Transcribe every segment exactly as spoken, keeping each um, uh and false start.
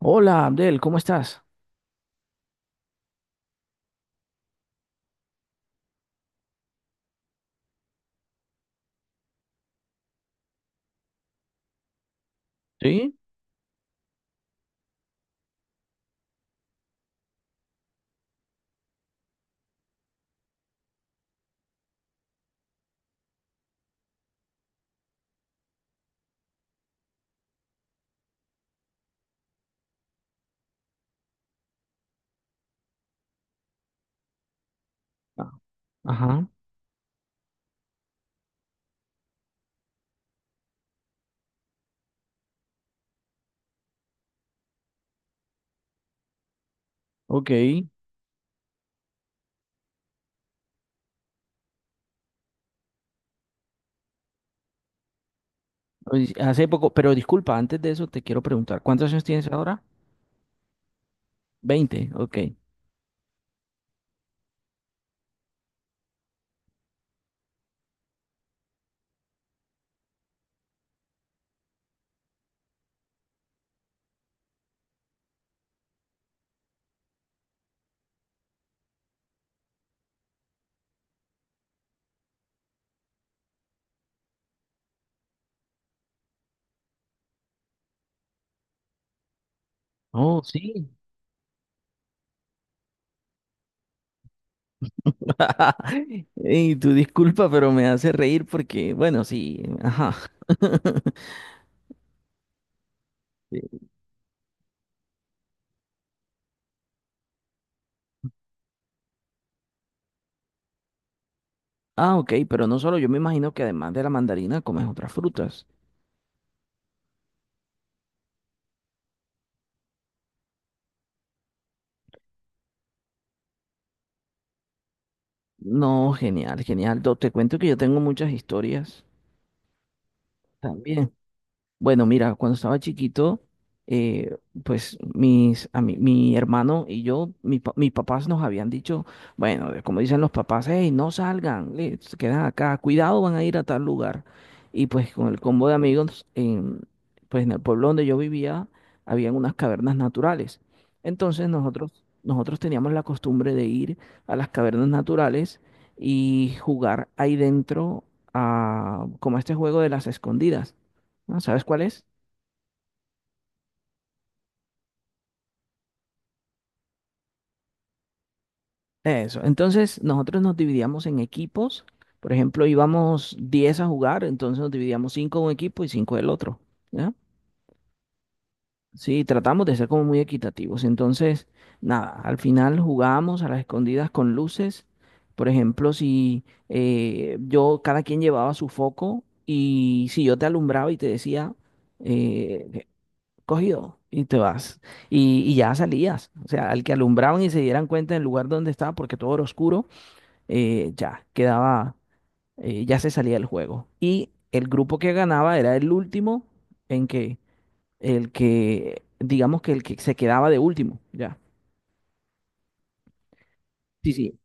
Hola, Abdel, ¿cómo estás? Sí, Ah. Ajá, ok. Pues, hace poco, pero disculpa, antes de eso te quiero preguntar, ¿cuántos años tienes ahora? Veinte, ok. Oh, sí. Y tu disculpa, pero me hace reír porque, bueno, sí, ajá. Sí. Ah, ok, pero no solo, yo me imagino que además de la mandarina comes otras frutas. No, genial, genial. Do- Te cuento que yo tengo muchas historias también. Bueno, mira, cuando estaba chiquito, eh, pues mis, a mi, mi hermano y yo, mi pa- mis papás nos habían dicho, bueno, de- como dicen los papás, hey, no salgan, eh, se quedan acá, cuidado, van a ir a tal lugar. Y pues con el combo de amigos, en, pues en el pueblo donde yo vivía, habían unas cavernas naturales. Entonces nosotros, nosotros teníamos la costumbre de ir a las cavernas naturales y jugar ahí dentro a, como a este juego de las escondidas. ¿No? ¿Sabes cuál es? Eso. Entonces, nosotros nos dividíamos en equipos. Por ejemplo, íbamos diez a jugar, entonces nos dividíamos cinco de un equipo y cinco del otro. ¿Ya? Sí, tratamos de ser como muy equitativos. Entonces, nada, al final jugábamos a las escondidas con luces. Por ejemplo, si eh, yo, cada quien llevaba su foco y si yo te alumbraba y te decía, eh, cogido y te vas. Y, y ya salías. O sea, al que alumbraban y se dieran cuenta del lugar donde estaba, porque todo era oscuro, eh, ya quedaba, eh, ya se salía del juego. Y el grupo que ganaba era el último en que, el que, digamos que el que se quedaba de último, ya. Sí, sí.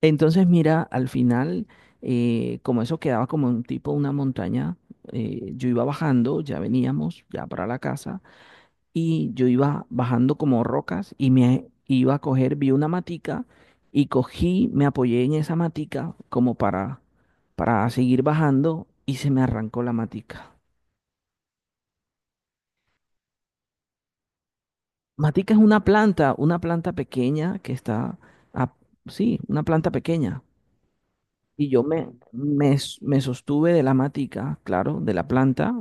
Entonces, mira, al final, eh, como eso quedaba como un tipo, una montaña, eh, yo iba bajando, ya veníamos, ya para la casa. Y yo iba bajando como rocas y me iba a coger, vi una matica y cogí, me apoyé en esa matica como para, para seguir bajando y se me arrancó la matica. Matica es una planta, una planta pequeña que está, a- sí, una planta pequeña. Y yo me, me, s- me sostuve de la matica, claro, de la planta,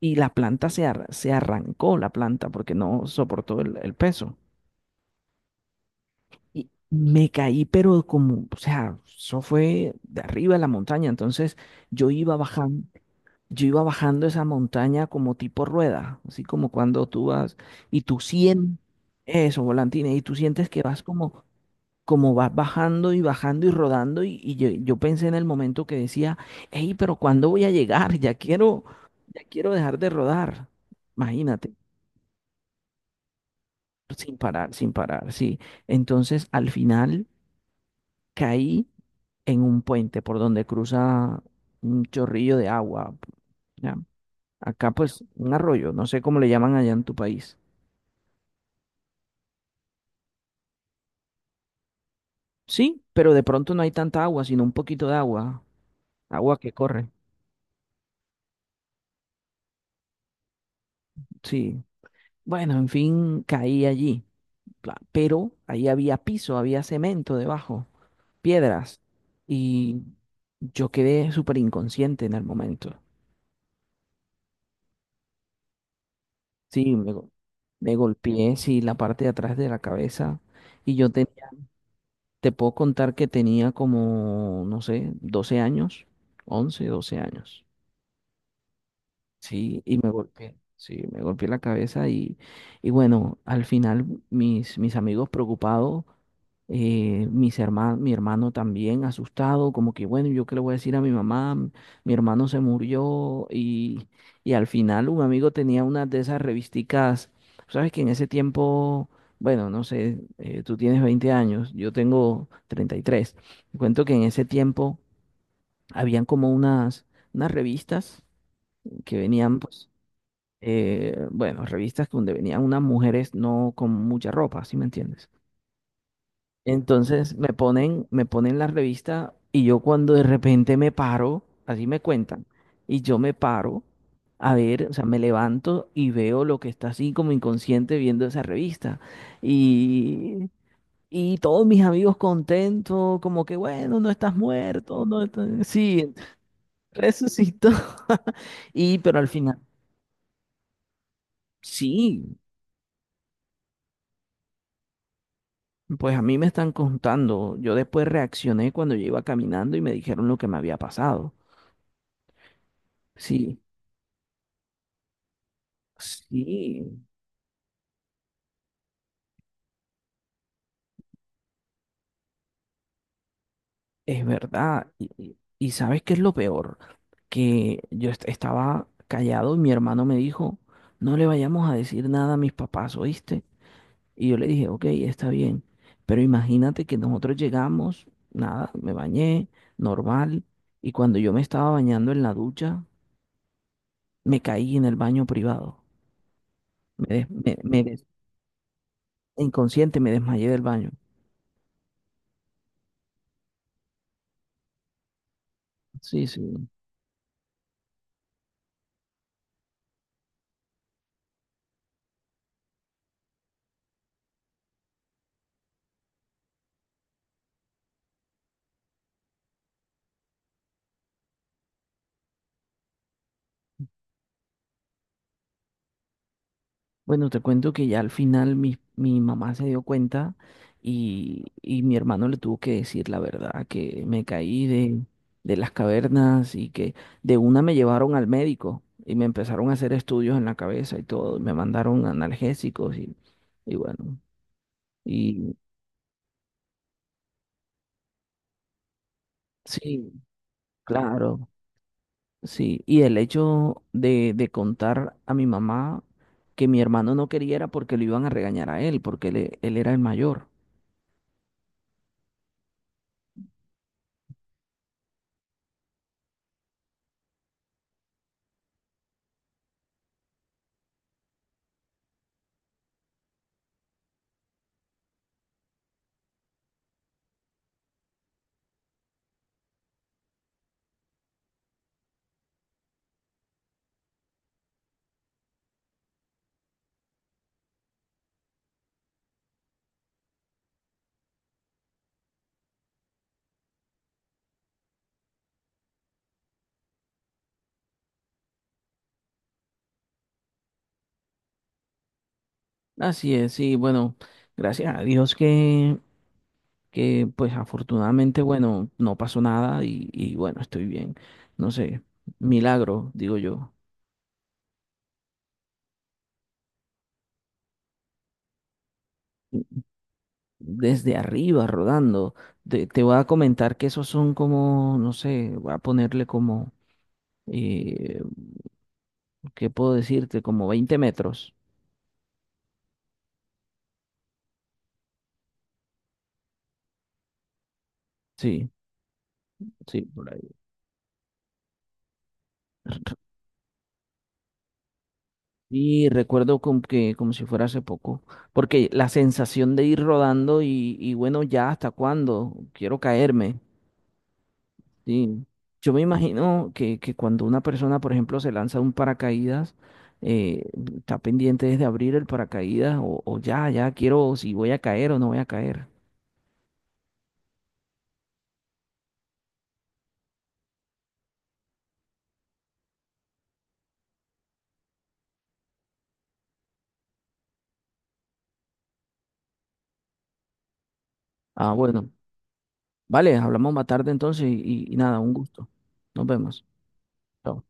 y la planta se, ar- se arrancó, la planta, porque no soportó el el peso. Y me caí, pero como, o sea, eso fue de arriba de la montaña. Entonces yo iba bajando, yo iba bajando esa montaña como tipo rueda, así como cuando tú vas y tú sientes eso, volantines, y tú sientes que vas como, como vas bajando y bajando y rodando. Y, y yo, yo pensé en el momento que decía, hey, pero ¿cuándo voy a llegar? Ya quiero, ya quiero dejar de rodar. Imagínate, sin parar, sin parar, sí. Entonces al final, caí en un puente por donde cruza un chorrillo de agua. ¿Ya? Acá pues un arroyo, no sé cómo le llaman allá en tu país. Sí, pero de pronto no hay tanta agua, sino un poquito de agua, agua que corre. Sí. Bueno, en fin, caí allí. Pla- Pero ahí había piso, había cemento debajo, piedras. Y yo quedé súper inconsciente en el momento. Sí, me, go- me golpeé, sí, la parte de atrás de la cabeza. Y yo tenía Te puedo contar que tenía como, no sé, doce años, once, doce años. Sí, y me golpeé. Sí, me golpeé la cabeza y, y bueno, al final mis, mis amigos preocupados eh, mis herma- mi hermano también asustado, como que bueno, ¿yo qué le voy a decir a mi mamá? Mi hermano se murió y, y al final un amigo tenía una de esas revisticas, sabes que en ese tiempo, bueno, no sé, eh, tú tienes veinte años, yo tengo treinta y tres. Te cuento que en ese tiempo habían como unas, unas revistas que venían, pues, eh, bueno, revistas donde venían unas mujeres no con mucha ropa, ¿sí me entiendes? Entonces me ponen, me ponen la revista y yo cuando de repente me paro, así me cuentan, y yo me paro a ver, o sea, me levanto y veo lo que está así como inconsciente viendo esa revista. Y, y todos mis amigos contentos, como que bueno, no estás muerto, no estás... Sí, resucitó. Y pero al final, sí, pues a mí me están contando. Yo después reaccioné cuando yo iba caminando y me dijeron lo que me había pasado. Sí. Sí, es verdad. Y, y- y ¿sabes qué es lo peor? Que yo est- estaba callado y mi hermano me dijo, no le vayamos a decir nada a mis papás, ¿oíste? Y yo le dije, ok, está bien. Pero imagínate que nosotros llegamos, nada, me bañé, normal. Y cuando yo me estaba bañando en la ducha, me caí en el baño privado. Me, des- me- me des- inconsciente me desmayé del baño. Sí, sí. Bueno, te cuento que ya al final mi, mi mamá se dio cuenta y, y mi hermano le tuvo que decir la verdad, que me caí de, de las cavernas y que de una me llevaron al médico y me empezaron a hacer estudios en la cabeza y todo, y me mandaron analgésicos y, y bueno, y sí, claro, sí. Y el hecho de, de contar a mi mamá que mi hermano no quería era porque lo iban a regañar a él, porque él, e- él era el mayor. Así es, sí, bueno, gracias a Dios que, que pues afortunadamente, bueno, no pasó nada y, y bueno, estoy bien. No sé, milagro, digo yo. Desde arriba, rodando. Te, te voy a comentar que esos son como, no sé, voy a ponerle como, eh, ¿qué puedo decirte? Como veinte metros. Sí, sí, por ahí. Y recuerdo como que como si fuera hace poco, porque la sensación de ir rodando y, y bueno, ya hasta cuándo quiero caerme. Sí. Yo me imagino que, que cuando una persona, por ejemplo, se lanza un paracaídas, eh, está pendiente desde abrir el paracaídas o, o ya, ya quiero si voy a caer o no voy a caer. Ah, bueno, vale, hablamos más tarde entonces y y nada, un gusto. Nos vemos. Chao.